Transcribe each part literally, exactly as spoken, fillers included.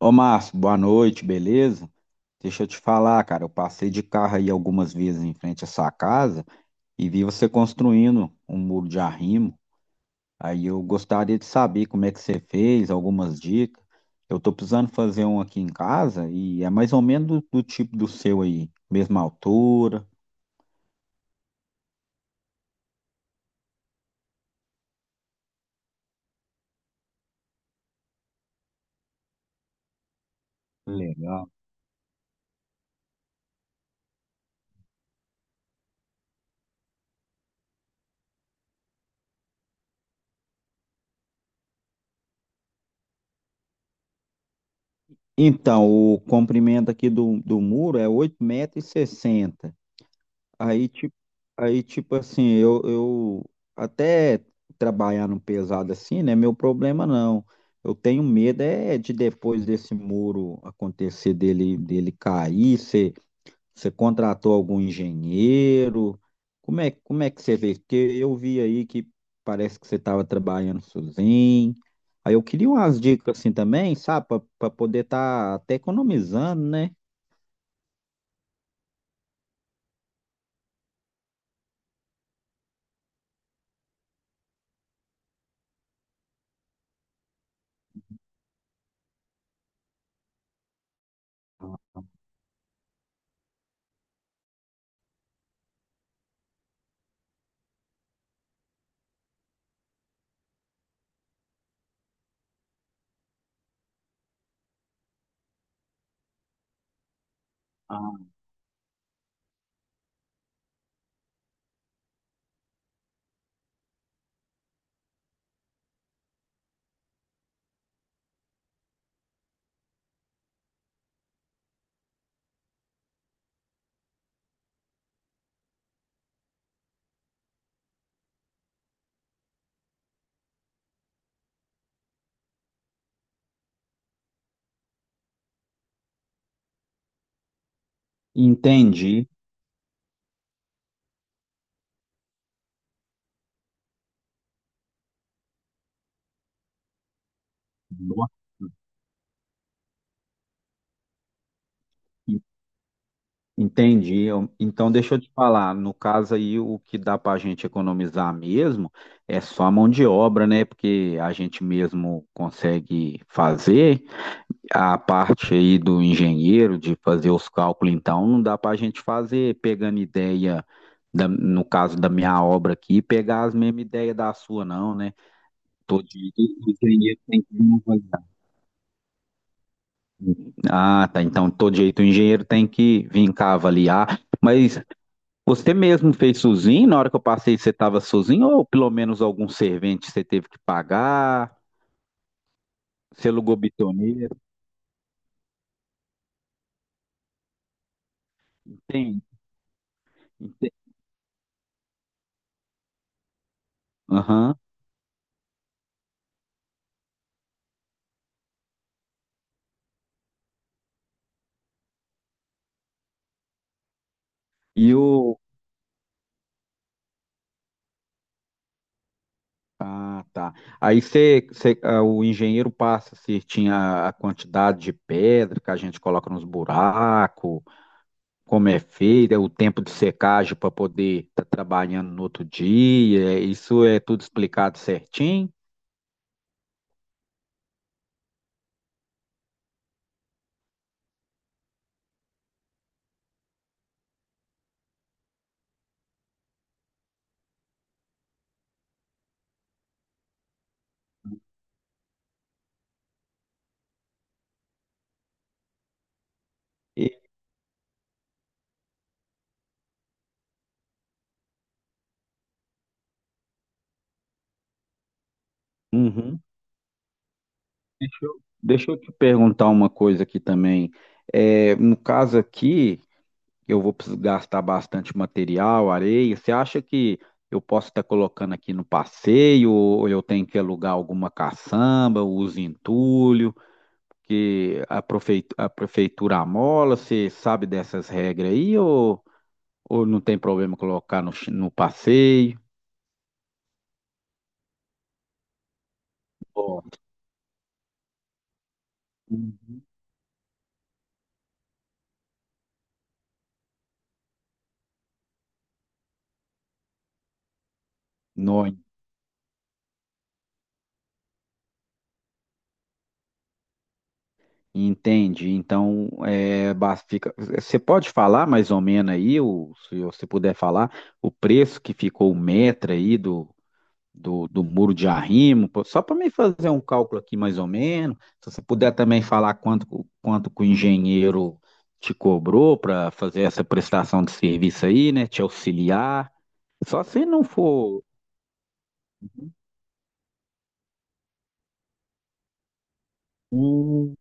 Ô Márcio, boa noite, beleza? Deixa eu te falar, cara, eu passei de carro aí algumas vezes em frente à sua casa e vi você construindo um muro de arrimo. Aí eu gostaria de saber como é que você fez, algumas dicas. Eu tô precisando fazer um aqui em casa e é mais ou menos do, do tipo do seu aí, mesma altura. Legal. Então, o comprimento aqui do, do muro é oito metros e sessenta. Aí, tipo, aí, tipo assim, eu, eu até trabalhar no pesado assim, né? Meu problema não. Eu tenho medo é de depois desse muro acontecer dele, dele cair. Você, você contratou algum engenheiro? Como é, como é que você vê? Porque eu vi aí que parece que você estava trabalhando sozinho. Aí eu queria umas dicas assim também, sabe? Para poder estar até economizando, né? Ah, entendi. Nossa, entendi. Eu- Então, deixa eu te falar. No caso aí, o que dá para a gente economizar mesmo é só a mão de obra, né? Porque a gente mesmo consegue fazer. A parte aí do engenheiro, de fazer os cálculos, então, não dá para a gente fazer pegando ideia, da- no caso da minha obra aqui, pegar as mesmas ideias da sua, não, né? Todo jeito o engenheiro tem que me avaliar. Hum. Ah, tá. Então, todo jeito o engenheiro tem que vir cá avaliar. Mas você mesmo fez sozinho? Na hora que eu passei, você estava sozinho? Ou pelo menos algum servente você teve que pagar? Você alugou bitoneira? Entende? Entende? Aham. E o. Ah, tá. Aí você, você- ah, o engenheiro passa certinho a, a quantidade de pedra que a gente coloca nos buracos, como é feito, é o tempo de secagem para poder estar trabalhando no outro dia. Isso é tudo explicado certinho? E- Uhum. Deixa eu te perguntar uma coisa aqui também. É, no caso aqui, eu vou precisar gastar bastante material, areia. Você acha que eu posso estar colocando aqui no passeio, ou eu tenho que alugar alguma caçamba, uso entulho, que a prefei- a prefeitura amola? Você sabe dessas regras aí, ou, ou não tem problema colocar no, chi- no passeio? Ó, uhum. Nó, entende? Então, é, bas- fica, você pode falar mais ou menos aí, o, se você puder falar, o preço que ficou o metro aí do, do, do muro de arrimo, pô, só para me fazer um cálculo aqui mais ou menos. Se você puder também falar quanto, co- quanto que o engenheiro te cobrou para fazer essa prestação de serviço aí, né? Te auxiliar. Só se não for um,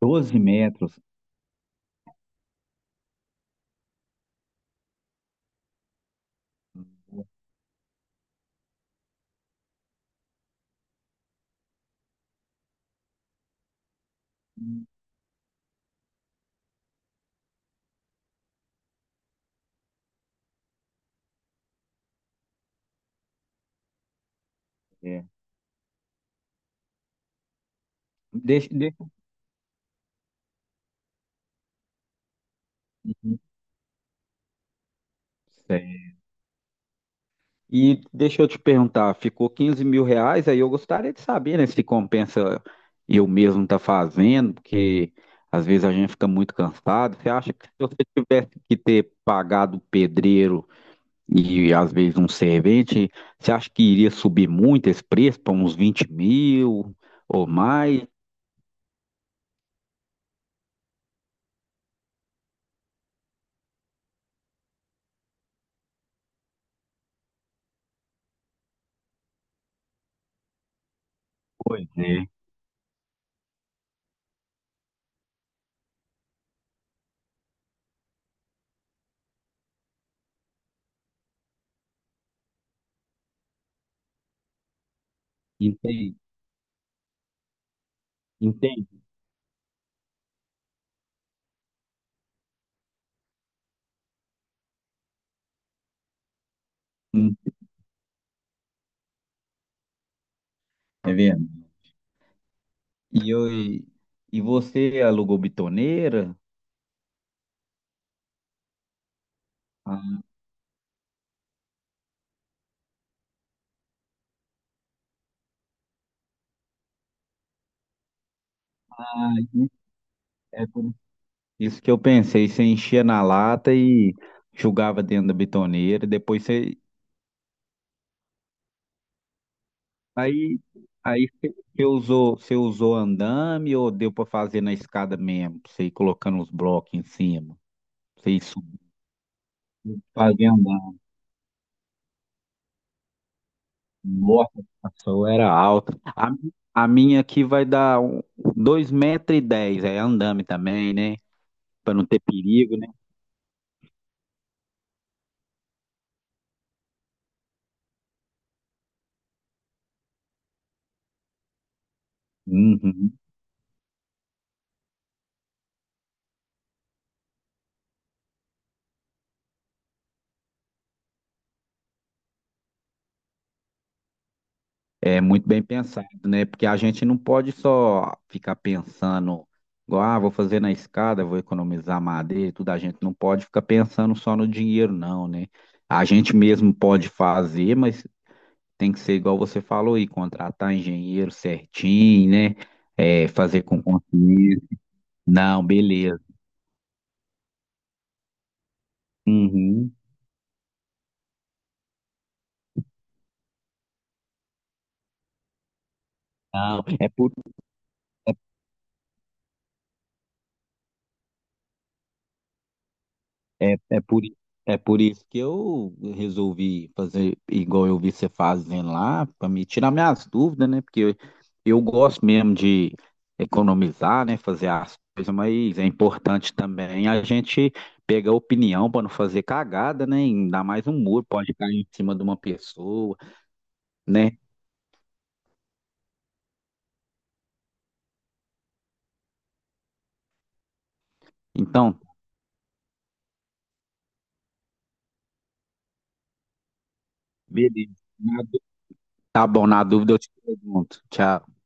doze metros. Hum, É. Deixa, deixa. E deixa eu te perguntar, ficou quinze mil reais, aí eu gostaria de saber, né, se compensa eu mesmo tá fazendo, porque às vezes a gente fica muito cansado. Você acha que se você tivesse que ter pagado o pedreiro e às vezes um servente, você acha que iria subir muito esse preço para uns vinte mil ou mais? Pois é. Entendi, entendi. Hum, Tá vendo? E, eu, e você alugou bitoneira? Ah, é por isso que eu pensei, você enchia na lata e jogava dentro da bitoneira, e depois você aí aí você você usou, você usou andame ou deu para fazer na escada mesmo, pra você ir colocando os blocos em cima. Pra você ir subindo, fazer andame. Nossa, a sua era alta. A, a minha aqui vai dar um- dois e dez metros, e dez, é andame também, né? Para não ter perigo, né? Uhum. É muito bem pensado, né? Porque a gente não pode só ficar pensando, igual, ah, vou fazer na escada, vou economizar madeira e tudo. A gente não pode ficar pensando só no dinheiro, não, né? A gente mesmo pode fazer, mas tem que ser igual você falou aí, contratar engenheiro certinho, né? É, fazer com consciência. Não, beleza. Uhum. Não, é por É, é por, é por isso que eu resolvi fazer igual eu vi você fazendo lá, para me tirar minhas dúvidas, né? Porque eu, eu gosto mesmo de economizar, né? Fazer as coisas, mas é importante também a gente pegar opinião para não fazer cagada, né? Ainda mais um muro pode cair em cima de uma pessoa, né? Então, beleza. Na dú- Tá bom, na dúvida eu te pergunto. Tchau.